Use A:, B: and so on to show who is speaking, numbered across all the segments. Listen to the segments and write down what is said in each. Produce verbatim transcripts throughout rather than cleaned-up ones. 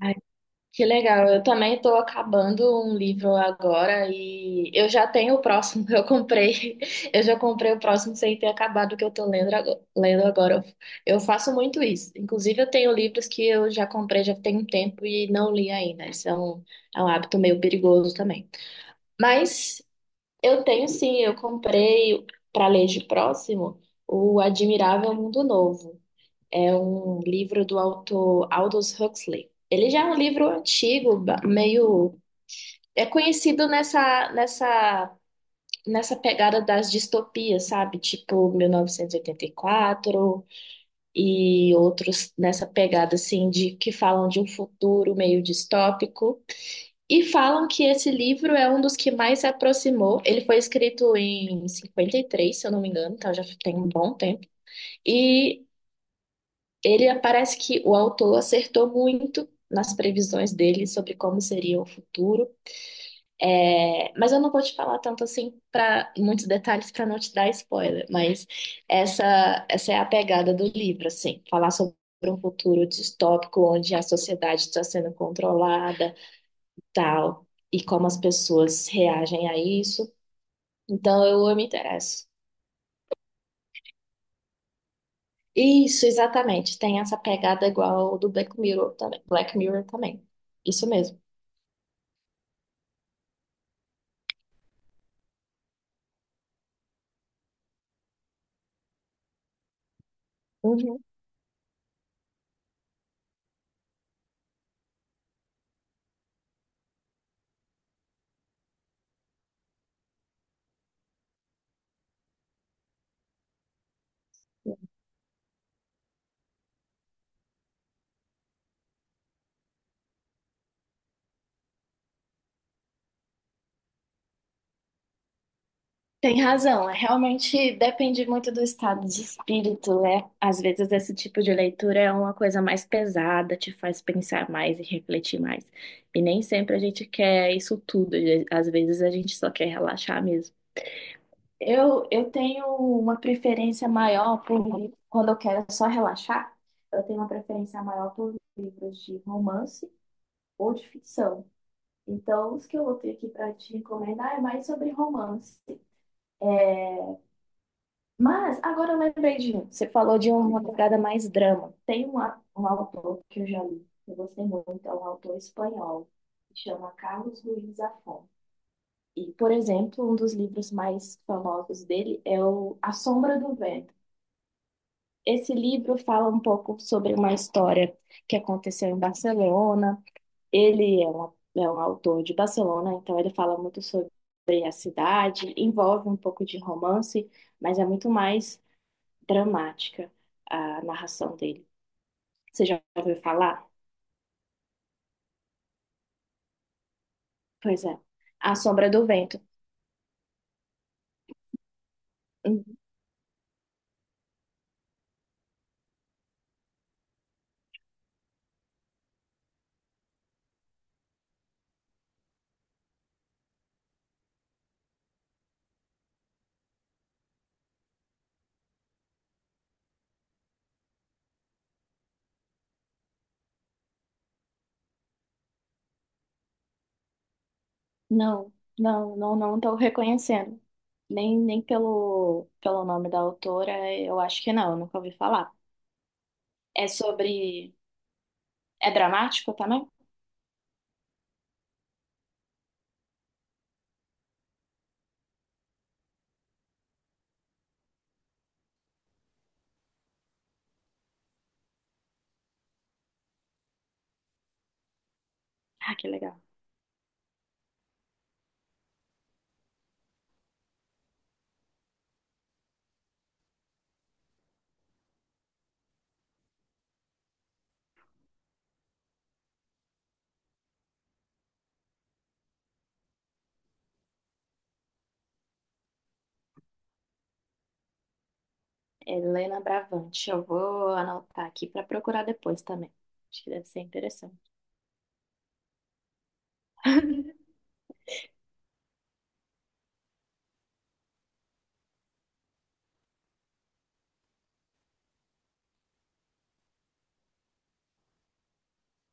A: Ai, que legal. Eu também estou acabando um livro agora e eu já tenho o próximo. Eu comprei, eu já comprei o próximo sem ter acabado o que eu estou lendo agora. Lendo agora. Eu faço muito isso. Inclusive, eu tenho livros que eu já comprei já tem um tempo e não li ainda. Isso é um, é um hábito meio perigoso também. Mas eu tenho sim, eu comprei para ler de próximo o Admirável Mundo Novo. É um livro do autor Aldous Huxley. Ele já é um livro antigo, ba- meio. É conhecido nessa, nessa, nessa pegada das distopias, sabe? Tipo mil novecentos e oitenta e quatro e oitenta e quatro e outros nessa pegada, assim, de que falam de um futuro meio distópico. E falam que esse livro é um dos que mais se aproximou. Ele foi escrito em cinquenta e três, se eu não me engano, então já tem um bom tempo. E ele parece que o autor acertou muito nas previsões dele sobre como seria o futuro. É, mas eu não vou te falar tanto assim para muitos detalhes para não te dar spoiler, mas essa essa é a pegada do livro, assim, falar sobre um futuro distópico onde a sociedade está sendo controlada, e tal, e como as pessoas reagem a isso. Então eu, eu me interesso. Isso, exatamente. Tem essa pegada igual do Black Mirror também. Black Mirror também. Isso mesmo. Uhum. Tem razão, é, realmente depende muito do estado de espírito, né? Às vezes esse tipo de leitura é uma coisa mais pesada, te faz pensar mais e refletir mais. E nem sempre a gente quer isso tudo, e às vezes a gente só quer relaxar mesmo. Eu, eu tenho uma preferência maior por livro, quando eu quero só relaxar, eu tenho uma preferência maior por livros de romance ou de ficção. Então, os que eu vou ter aqui para te recomendar é mais sobre romance. Mas agora eu lembrei de um. Você falou de uma pegada mais drama. Tem um, um autor que eu já li, que eu gostei muito, é um autor espanhol, que chama Carlos Ruiz Zafón. E, por exemplo, um dos livros mais famosos dele é o A Sombra do Vento. Esse livro fala um pouco sobre uma história que aconteceu em Barcelona. Ele é, uma, é um autor de Barcelona, então ele fala muito sobre a cidade, envolve um pouco de romance, mas é muito mais dramática a narração dele. Você já ouviu falar? Pois é. A Sombra do Vento. Hum. Não, não, não, não estou reconhecendo. Nem, nem pelo, pelo nome da autora, eu acho que não, eu nunca ouvi falar. É sobre. É dramático também? Ah, que legal. Helena Bravante. Eu vou anotar aqui para procurar depois também. Acho que deve ser interessante.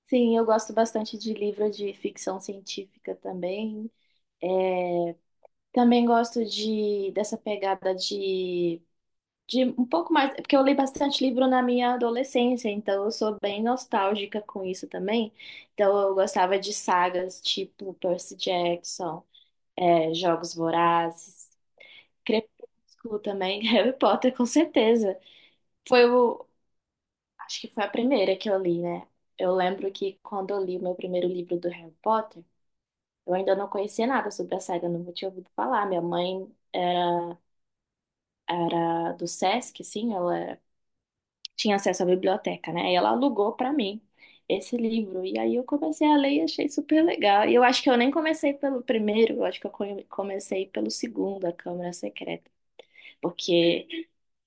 A: Sim, eu gosto bastante de livro de ficção científica também. É, também gosto de dessa pegada de, de um pouco mais, é porque eu li bastante livro na minha adolescência, então eu sou bem nostálgica com isso também. Então eu gostava de sagas tipo Percy Jackson, é, Jogos Vorazes, Crepúsculo também, Harry Potter com certeza. Foi o, acho que foi a primeira que eu li, né? Eu lembro que quando eu li o meu primeiro livro do Harry Potter, eu ainda não conhecia nada sobre a saga, não tinha ouvido falar. Minha mãe era do Sesc, assim, ela tinha acesso à biblioteca, né? E ela alugou para mim esse livro. E aí eu comecei a ler e achei super legal. E eu acho que eu nem comecei pelo primeiro, eu acho que eu come- comecei pelo segundo, A Câmara Secreta, porque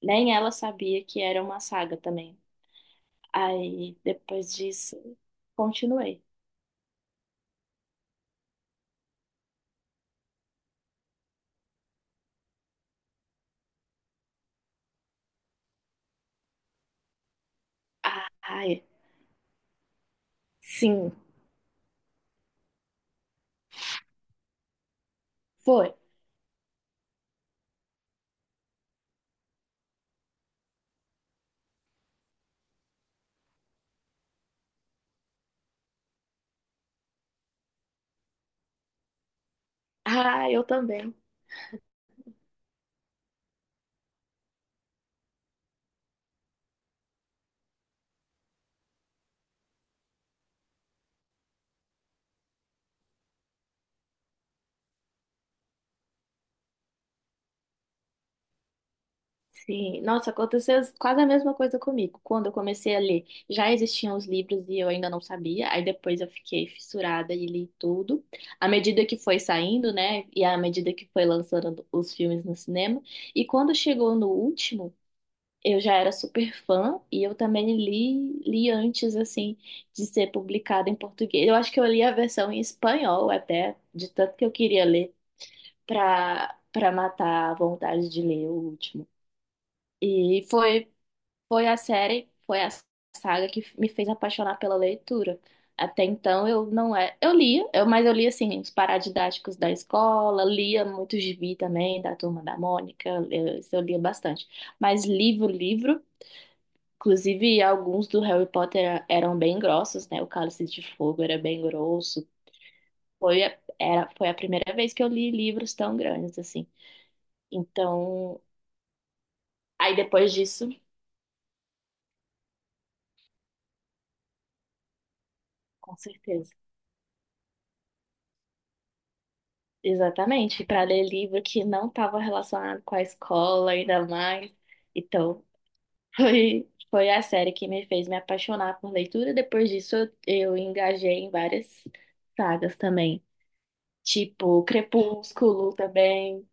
A: nem ela sabia que era uma saga também. Aí depois disso, continuei. Ai, sim, foi. Ah, eu também. Sim, nossa, aconteceu quase a mesma coisa comigo. Quando eu comecei a ler, já existiam os livros e eu ainda não sabia. Aí depois eu fiquei fissurada e li tudo. À medida que foi saindo, né? E à medida que foi lançando os filmes no cinema. E quando chegou no último, eu já era super fã e eu também li, li antes, assim, de ser publicado em português. Eu acho que eu li a versão em espanhol até, de tanto que eu queria ler, pra, pra matar a vontade de ler o último. E foi foi a série, foi a saga que me fez apaixonar pela leitura. Até então eu não é, eu lia, eu, mas eu lia assim os paradidáticos da escola, lia muito gibi também da Turma da Mônica, eu, isso eu lia bastante. Mas livro, livro, inclusive alguns do Harry Potter eram bem grossos, né? O Cálice de Fogo era bem grosso. Foi a, era, foi a primeira vez que eu li livros tão grandes assim. Então, aí depois disso, com certeza. Exatamente, para ler livro que não estava relacionado com a escola, ainda mais. Então, foi, foi a série que me fez me apaixonar por leitura. Depois disso, eu, eu engajei em várias sagas também, tipo Crepúsculo também.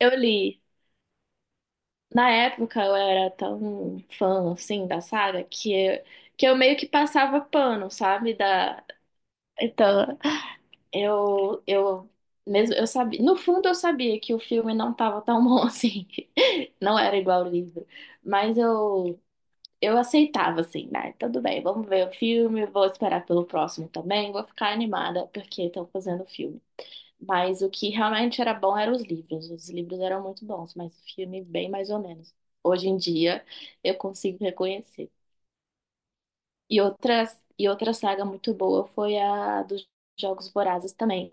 A: Eu li. Na época, eu era tão fã, assim, da saga, que eu, que eu meio que passava pano, sabe? Da, então, Eu, eu mesmo eu sabia, no fundo eu sabia que o filme não estava tão bom assim. Não era igual o livro, mas eu eu aceitava assim, né? Tudo bem, vamos ver o filme, vou esperar pelo próximo também, vou ficar animada porque estão fazendo o filme. Mas o que realmente era bom eram os livros. Os livros eram muito bons, mas o filme bem mais ou menos. Hoje em dia eu consigo reconhecer. E outras, e outra saga muito boa foi a dos Jogos Vorazes também.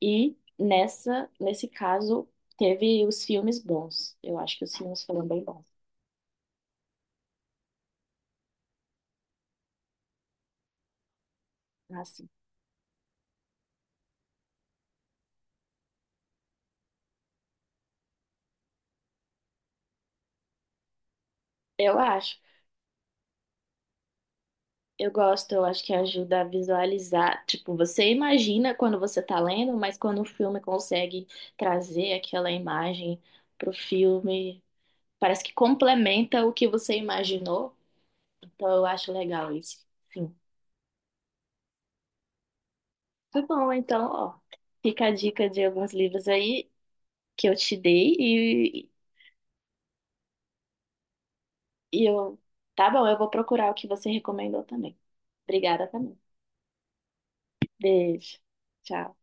A: E nessa, nesse caso, teve os filmes bons. Eu acho que os filmes foram bem bons. Assim, eu acho. Eu gosto, eu acho que ajuda a visualizar. Tipo, você imagina quando você tá lendo, mas quando o filme consegue trazer aquela imagem pro filme, parece que complementa o que você imaginou. Então, eu acho legal isso. Sim. Tá bom, então, ó. Fica a dica de alguns livros aí que eu te dei e, e eu. Tá bom, eu vou procurar o que você recomendou também. Obrigada também. Beijo. Tchau.